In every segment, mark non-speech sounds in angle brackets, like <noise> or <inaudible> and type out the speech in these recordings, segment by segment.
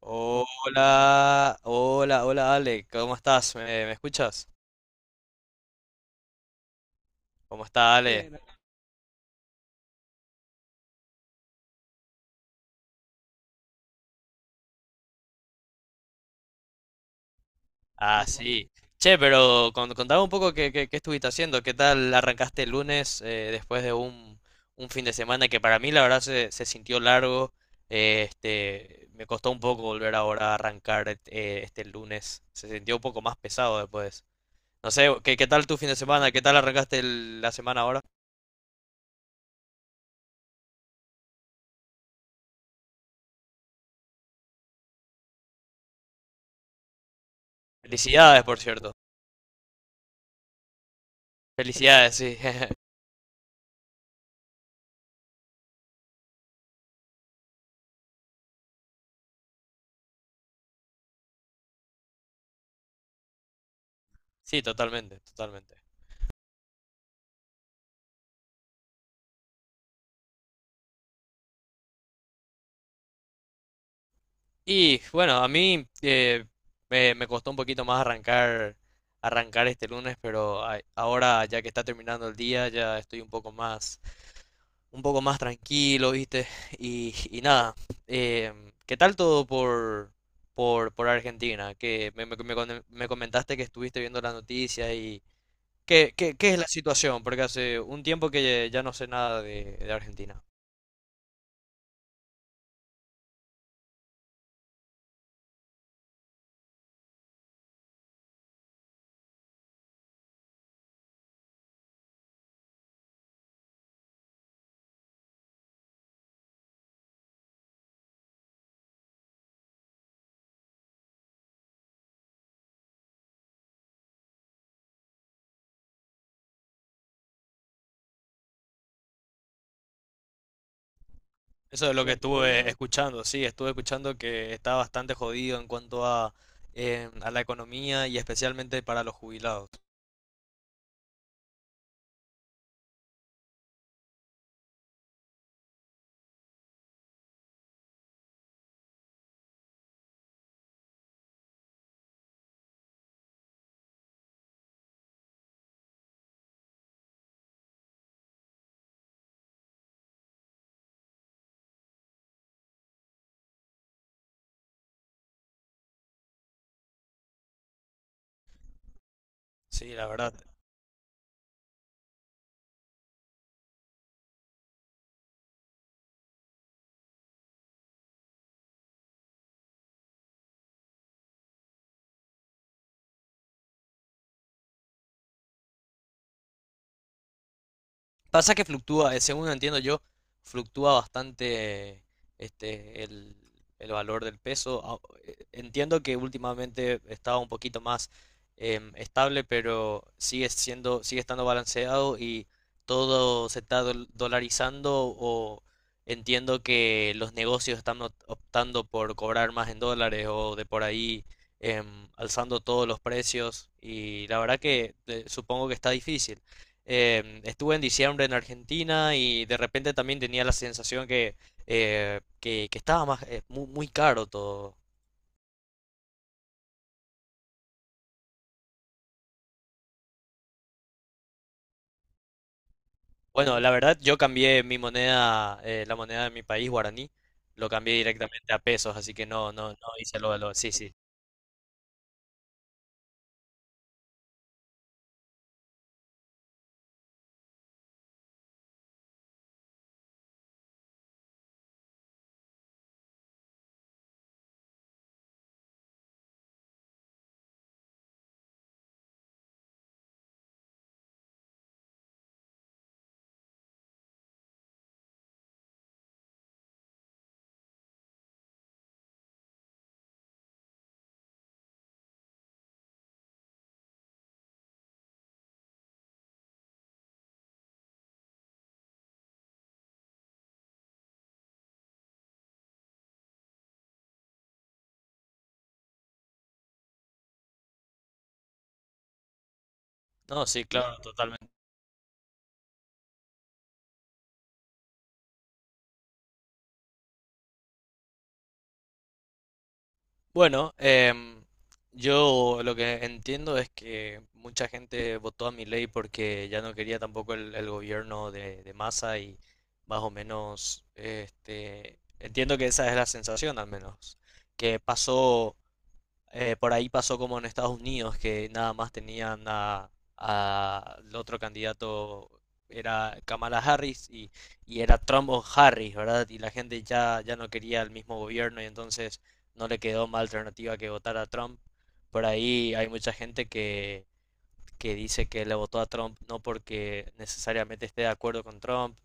Hola, hola, hola Ale, ¿cómo estás? ¿Me escuchas? ¿Cómo está Ale? Bien. Ah, ¿cómo sí. Che, pero contame un poco qué, qué estuviste haciendo, qué tal arrancaste el lunes después de un fin de semana que para mí la verdad se sintió largo. Me costó un poco volver ahora a arrancar este lunes. Se sintió un poco más pesado después. No sé, ¿qué, qué tal tu fin de semana? ¿Qué tal arrancaste la semana ahora? Felicidades, por cierto. Felicidades, sí. <laughs> Sí, totalmente, totalmente. Y bueno, a mí me costó un poquito más arrancar, arrancar este lunes, pero ahora ya que está terminando el día, ya estoy un poco más tranquilo, ¿viste? Y nada, ¿qué tal todo por Argentina? Que me me comentaste que estuviste viendo las noticias y ¿qué, qué es la situación? Porque hace un tiempo que ya no sé nada de, de Argentina. Eso es lo que estuve escuchando, sí, estuve escuchando que está bastante jodido en cuanto a la economía y especialmente para los jubilados. Sí, la verdad. Pasa que fluctúa, según entiendo yo, fluctúa bastante este el, el valor del peso. Entiendo que últimamente estaba un poquito más estable, pero sigue siendo, sigue estando balanceado y todo se está dolarizando o entiendo que los negocios están optando por cobrar más en dólares o de por ahí alzando todos los precios y la verdad que supongo que está difícil. Estuve en diciembre en Argentina y de repente también tenía la sensación que, que estaba más, muy, muy caro todo. Bueno, la verdad yo cambié mi moneda, la moneda de mi país, guaraní, lo cambié directamente a pesos, así que no, no, no hice lo de lo... Sí, sí. No, sí, claro, totalmente. Bueno, yo lo que entiendo es que mucha gente votó a Milei porque ya no quería tampoco el gobierno de Massa y más o menos, este, entiendo que esa es la sensación al menos, que pasó por ahí pasó como en Estados Unidos, que nada más tenían a, el otro candidato, era Kamala Harris y era Trump o Harris, ¿verdad? Y la gente ya, ya no quería el mismo gobierno y entonces no le quedó más alternativa que votar a Trump. Por ahí hay mucha gente que dice que le votó a Trump no porque necesariamente esté de acuerdo con Trump,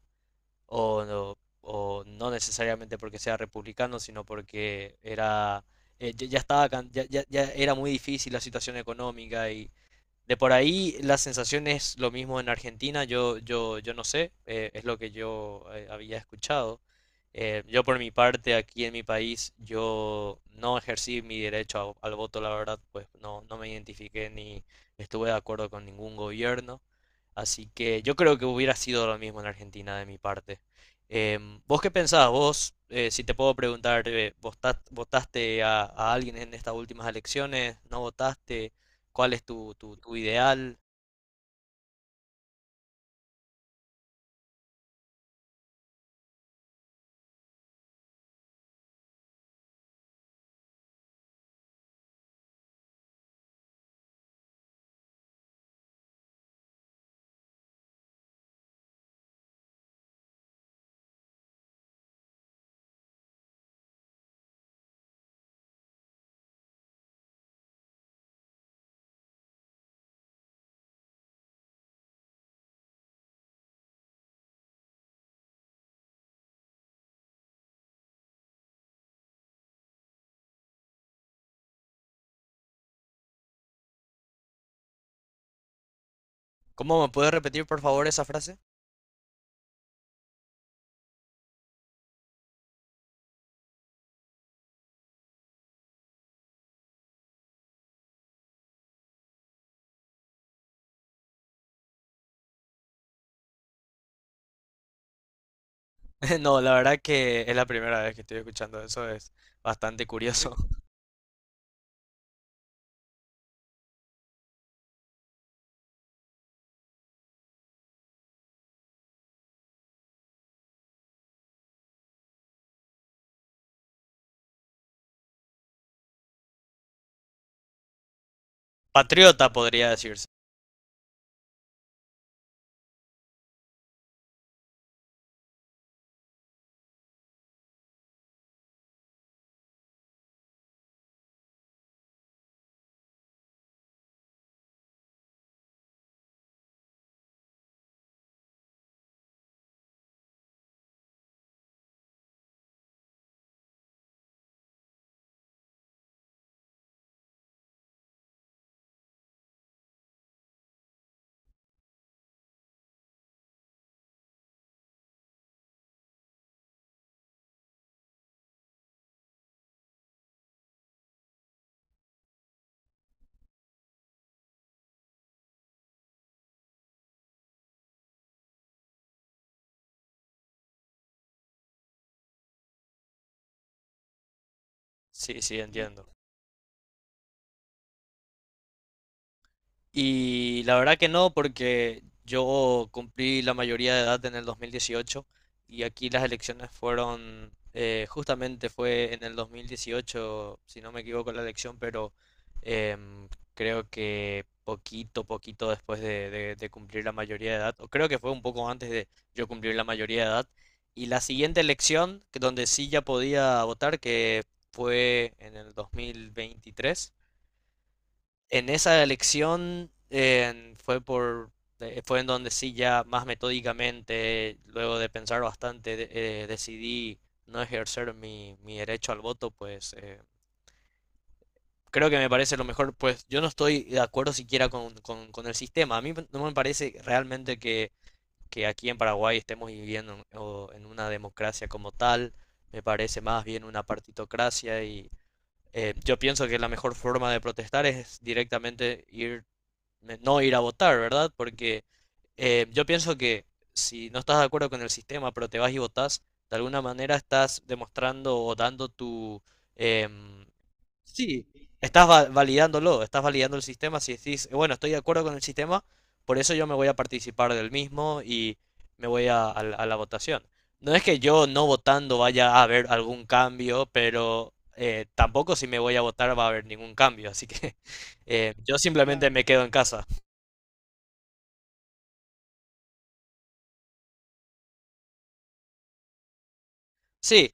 o, o no necesariamente porque sea republicano, sino porque era, ya estaba, ya era muy difícil la situación económica y, de por ahí la sensación es lo mismo en Argentina, yo no sé, es lo que yo había escuchado. Yo por mi parte, aquí en mi país, yo no ejercí mi derecho al voto, la verdad, pues no, no me identifiqué ni estuve de acuerdo con ningún gobierno. Así que yo creo que hubiera sido lo mismo en Argentina de mi parte. ¿Vos qué pensás? Vos, si te puedo preguntar, ¿votaste a alguien en estas últimas elecciones? ¿No votaste? ¿Cuál es tu, tu, tu ideal? ¿Cómo me puedes repetir, por favor, esa frase? <laughs> No, la verdad que es la primera vez que estoy escuchando eso, es bastante curioso. <laughs> Patriota podría decirse. Sí, sí, entiendo. Y la verdad que no, porque yo cumplí la mayoría de edad en el 2018 y aquí las elecciones fueron, justamente fue en el 2018, si no me equivoco la elección, pero em, creo que poquito, poquito después de, de cumplir la mayoría de edad, o creo que fue un poco antes de yo cumplir la mayoría de edad. Y la siguiente elección, que donde sí ya podía votar, que fue en el 2023, en esa elección fue en donde sí ya más metódicamente, luego de pensar bastante, decidí no ejercer mi, mi derecho al voto, pues creo que me parece lo mejor, pues yo no estoy de acuerdo siquiera con, con el sistema. A mí no me parece realmente que aquí en Paraguay estemos viviendo en o en una democracia como tal, me parece más bien una partitocracia y yo pienso que la mejor forma de protestar es directamente ir de no ir a votar, ¿verdad? Porque yo pienso que si no estás de acuerdo con el sistema, pero te vas y votas, de alguna manera estás demostrando o dando tu... em, Sí, estás validándolo, estás validando el sistema si decís, bueno, estoy de acuerdo con el sistema, por eso yo me voy a participar del mismo y me voy a, a la votación". No es que yo no votando vaya a haber algún cambio, pero tampoco si me voy a votar va a haber ningún cambio, así que <laughs> yo simplemente claro, me quedo en casa. Sí,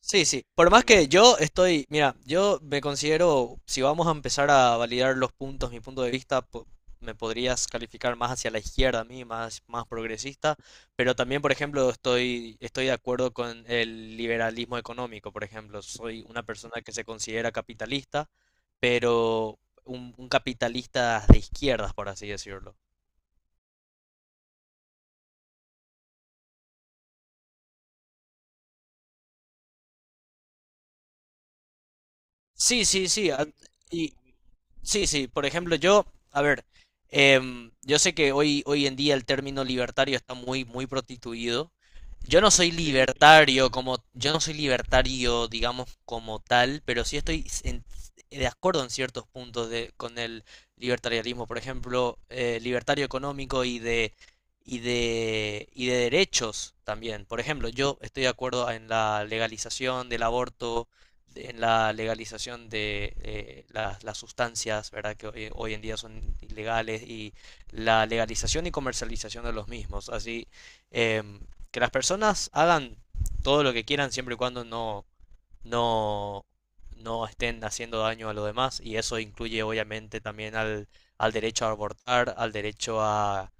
sí, sí. Por más que yo estoy, mira, yo me considero, si vamos a empezar a validar los puntos, mi punto de vista, me podrías calificar más hacia la izquierda a mí, más, más progresista, pero también, por ejemplo, estoy, estoy de acuerdo con el liberalismo económico, por ejemplo. Soy una persona que se considera capitalista, pero un capitalista de izquierdas, por así decirlo. Sí, sí, sí. a- Y, sí, sí, por ejemplo, yo, a ver, yo sé que hoy, hoy en día el término libertario está muy, muy prostituido. Yo no soy sí, libertario como, yo no soy libertario, digamos, como tal, pero sí estoy de acuerdo en ciertos puntos de, con el libertarianismo, por ejemplo, libertario económico y de, y de, y de derechos también. Por ejemplo, yo estoy de acuerdo en la legalización del aborto, en la legalización de las sustancias, ¿verdad? Que hoy, hoy en día son ilegales y la legalización y comercialización de los mismos. Así eh, que las personas hagan todo lo que quieran siempre y cuando no, no, no estén haciendo daño a los demás y eso incluye obviamente también al, al derecho a abortar, al derecho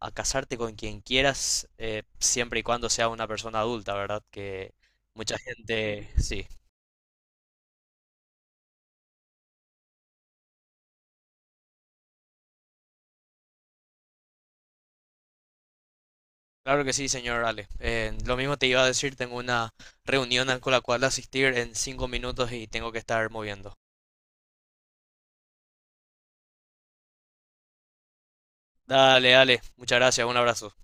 a casarte con quien quieras, siempre y cuando sea una persona adulta, ¿verdad? Que mucha gente, sí. Claro que sí, señor Ale. Lo mismo te iba a decir, tengo una reunión con la cual asistir en 5 minutos y tengo que estar moviendo. Dale, Ale. Muchas gracias. Un abrazo.